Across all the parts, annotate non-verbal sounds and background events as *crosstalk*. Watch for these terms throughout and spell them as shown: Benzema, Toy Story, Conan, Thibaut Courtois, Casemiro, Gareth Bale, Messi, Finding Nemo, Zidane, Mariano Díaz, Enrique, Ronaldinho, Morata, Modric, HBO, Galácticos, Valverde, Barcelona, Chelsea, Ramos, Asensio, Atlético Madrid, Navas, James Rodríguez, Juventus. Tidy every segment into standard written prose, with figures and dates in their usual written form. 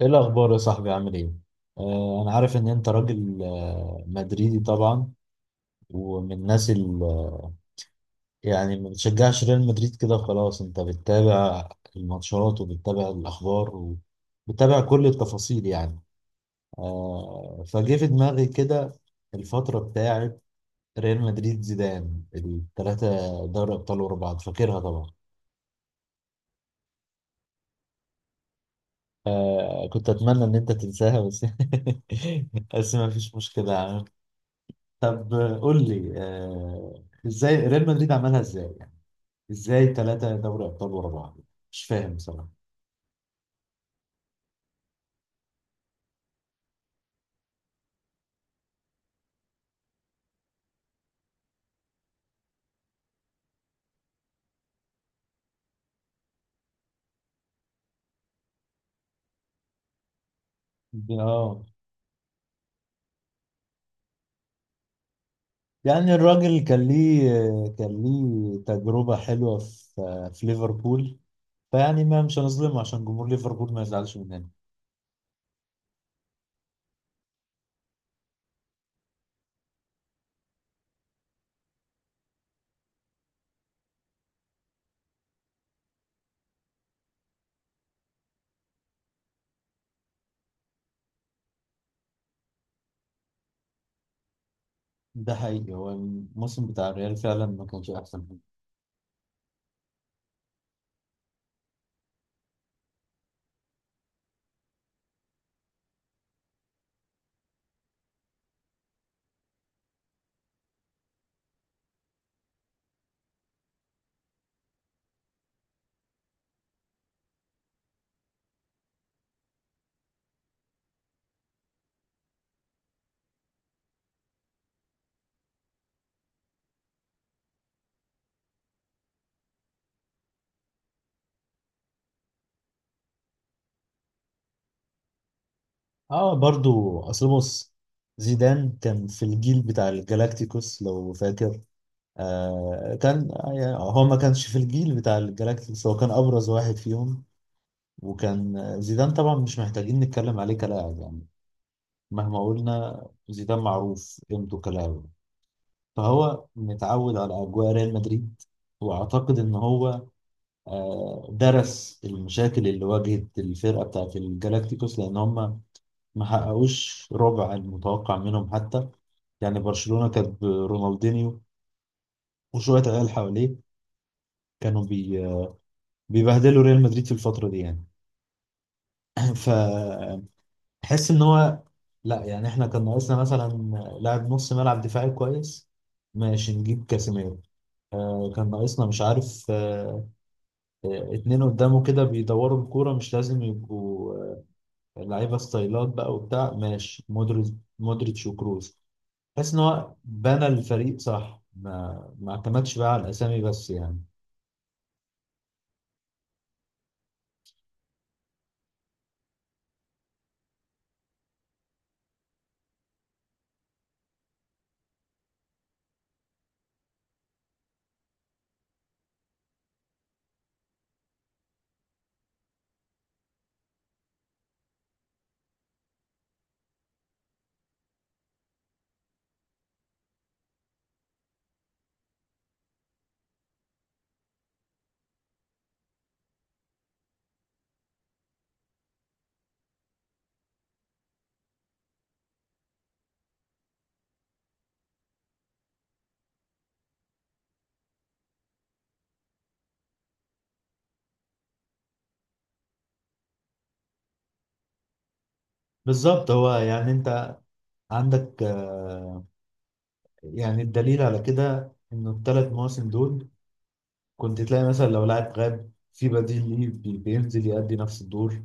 ايه الاخبار يا صاحبي؟ عامل ايه؟ انا عارف ان انت راجل مدريدي طبعا. ومن الناس يعني ما بتشجعش ريال مدريد كده خلاص. انت بتتابع الماتشات وبتتابع الاخبار وبتتابع كل التفاصيل يعني. فجه في دماغي كده الفترة بتاعت ريال مدريد زيدان الثلاثة دوري ابطال ورا بعض، فاكرها طبعا. كنت اتمنى ان انت تنساها بس. *laughs* بس ما فيش مشكلة يعني. طب قول لي، ازاي ريال مدريد عملها؟ ازاي يعني؟ ازاي ثلاثة دوري ابطال ورا بعض؟ مش فاهم بصراحة. اه، يعني الراجل كان ليه تجربة حلوة في ليفربول. فيعني ما مش هنظلمه عشان جمهور ليفربول ما يزعلش مننا. ده حقيقي، هو الموسم بتاع الريال فعلا ما كانش احسن حاجة. اه برضو، اصل بص، زيدان كان في الجيل بتاع الجالاكتيكوس لو فاكر. آه كان يعني هو ما كانش في الجيل بتاع الجالاكتيكوس، هو كان أبرز واحد فيهم. وكان، زيدان طبعا مش محتاجين نتكلم عليه كلاعب يعني. مهما قلنا، زيدان معروف قيمته كلاعب. فهو متعود على أجواء ريال مدريد. وأعتقد إن هو درس المشاكل اللي واجهت الفرقة بتاعت الجالاكتيكوس، لأن هم ما حققوش ربع المتوقع منهم حتى. يعني برشلونة كانت برونالدينيو وشوية عيال حواليه كانوا بيبهدلوا ريال مدريد في الفترة دي يعني. *clears throat* فحس ان هو، لا يعني احنا كان ناقصنا مثلا لاعب نص ملعب دفاعي كويس، ماشي نجيب كاسيميرو. كان ناقصنا، مش عارف، اتنين قدامه كده بيدوروا الكورة، مش لازم يبقوا لعيبة ستايلات بقى وبتاع، ماشي مودريتش. مودريتش وكروز. حس ان هو بنى الفريق صح، ما اعتمدش بقى على الاسامي بس يعني. بالظبط، هو يعني انت عندك، يعني الدليل على كده انه الـ3 مواسم دول كنت تلاقي مثلا لو لاعب غاب، في بديل ليه بينزل يأدي نفس الدور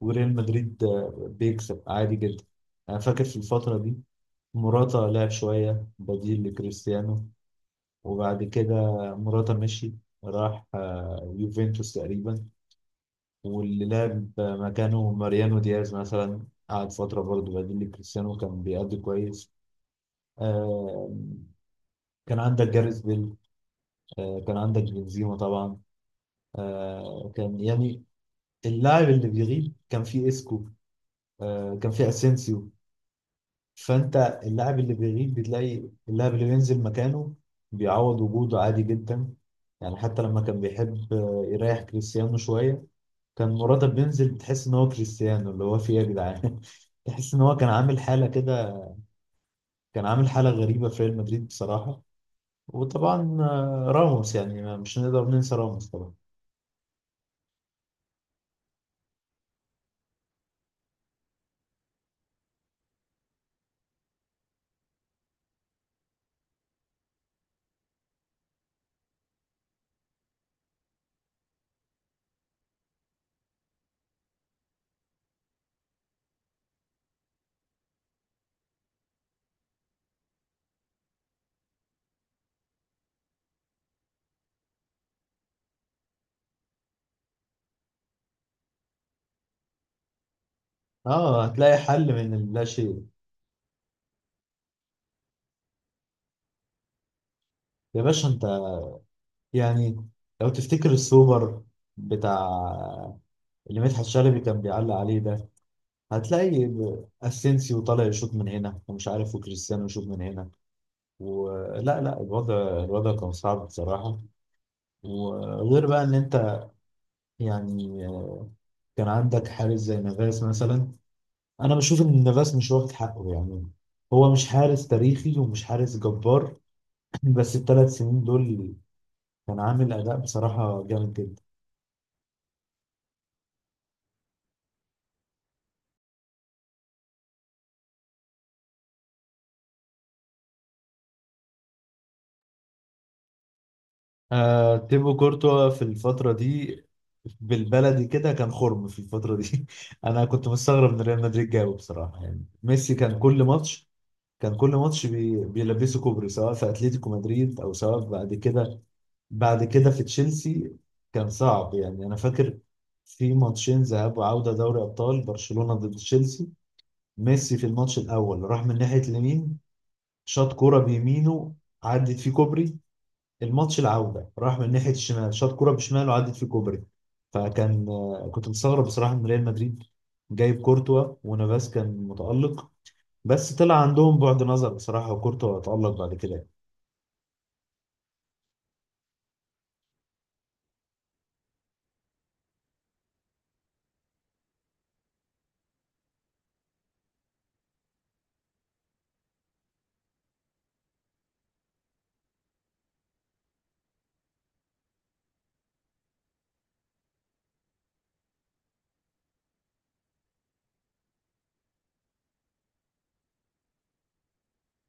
وريال مدريد بيكسب عادي جدا. انا فاكر في الفترة دي موراتا لعب شوية بديل لكريستيانو، وبعد كده موراتا مشي، راح يوفنتوس تقريبا. واللي لعب مكانه ماريانو دياز مثلا قعد فترة برضه بديل لكريستيانو، كان بيأدي كويس. آه، كان عندك جاريث بيل، كان عندك بنزيما طبعا. كان يعني اللاعب اللي بيغيب كان فيه اسكو، كان فيه اسينسيو. فانت اللاعب اللي بيغيب بتلاقي اللاعب اللي بينزل مكانه بيعوض وجوده عادي جدا. يعني حتى لما كان بيحب يريح كريستيانو شوية، كان مراتب بينزل بتحس ان هو كريستيانو. اللي هو فيه إيه يا جدعان؟ *laughs* تحس ان هو كان عامل حالة كده، كان عامل حالة غريبة في ريال مدريد بصراحة. وطبعا راموس، يعني مش هنقدر ننسى راموس طبعا. اه، هتلاقي حل من اللا شيء. يا باشا انت يعني، لو تفتكر السوبر بتاع اللي مدحت شلبي كان بيعلق عليه ده، هتلاقي اسينسيو طالع يشوط من هنا ومش عارف، وكريستيانو يشوط من هنا. ولا لا لا، الوضع الوضع كان صعب بصراحة. وغير بقى ان انت، يعني كان عندك حارس زي نافاس مثلا. انا بشوف ان نافاس مش واخد حقه يعني. هو مش حارس تاريخي ومش حارس جبار، *clears throat* بس الـ3 سنين دول كان عامل أداء بصراحة جامد جدا. تيبو كورتوا في الفترة دي، بالبلدي كده، كان خرم في الفترة دي. *laughs* أنا كنت مستغرب إن ريال مدريد جابه بصراحة. يعني ميسي كان كل ماتش، كان كل ماتش بيلبسه كوبري سواء في أتلتيكو مدريد أو سواء بعد كده، في تشيلسي. كان صعب يعني. أنا فاكر في ماتشين ذهاب وعودة دوري أبطال برشلونة ضد تشيلسي، ميسي في الماتش الأول راح من ناحية اليمين، شاط كرة بيمينه، عدت فيه كوبري. الماتش العودة راح من ناحية الشمال، شاط كرة بشماله وعدت في الكوبري. فكان، كنت مستغرب بصراحة من ريال مدريد جايب كورتوا ونافاس كان متألق. بس طلع عندهم بعد نظر بصراحة، وكورتوا اتألق بعد كده.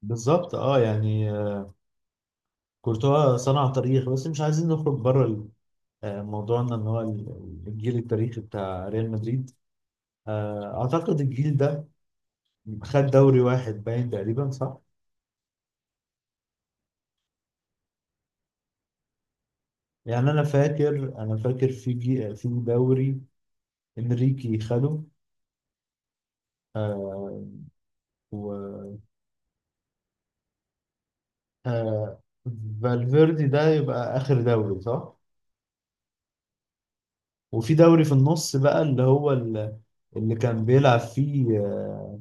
بالظبط، اه يعني كورتوا صنع تاريخ. بس مش عايزين نخرج بره موضوعنا ان هو الجيل التاريخي بتاع ريال مدريد. اعتقد الجيل ده خد دوري واحد باين تقريبا، صح؟ يعني انا فاكر في دوري انريكي خده. آه و آه فالفيردي ده يبقى آخر دوري، صح؟ وفي دوري في النص بقى اللي هو اللي كان بيلعب فيه آه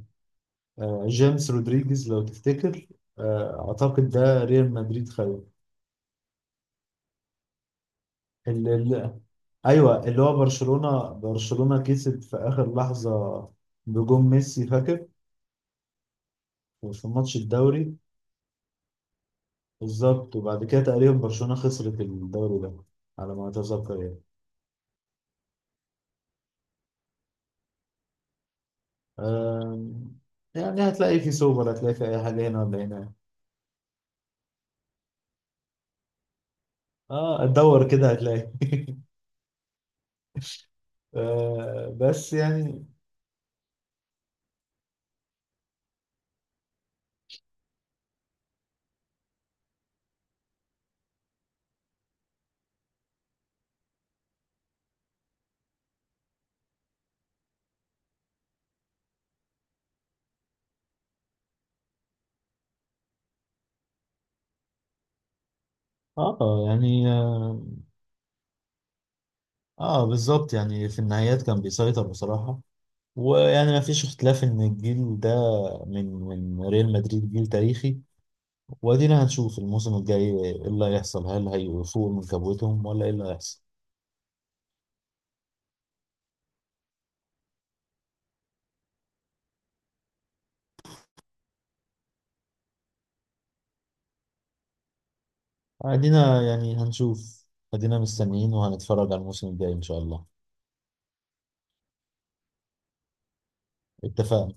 آه، جيمس رودريجيز لو تفتكر. أعتقد ده ريال مدريد خده. ال- ال- ايوه، اللي هو برشلونة برشلونة كسب في اخر لحظة بجون ميسي، فاكر، في ماتش الدوري. بالظبط، وبعد كده تقريبا برشلونة خسرت الدوري ده على ما اتذكر يعني. آه يعني هتلاقي في سوبر، هتلاقي في أي حاجة هنا ولا هنا. اه، تدور كده هتلاقي. *laughs* بس يعني اه يعني اه، بالظبط يعني في النهايات كان بيسيطر بصراحة. ويعني ما فيش اختلاف ان الجيل ده من ريال مدريد جيل تاريخي. وادينا هنشوف الموسم الجاي ايه اللي هيحصل، هل هيفوقوا من كبوتهم ولا ايه اللي هيحصل؟ ادينا يعني هنشوف، ادينا مستنيين وهنتفرج على الموسم الجاي ان شاء الله. اتفقنا.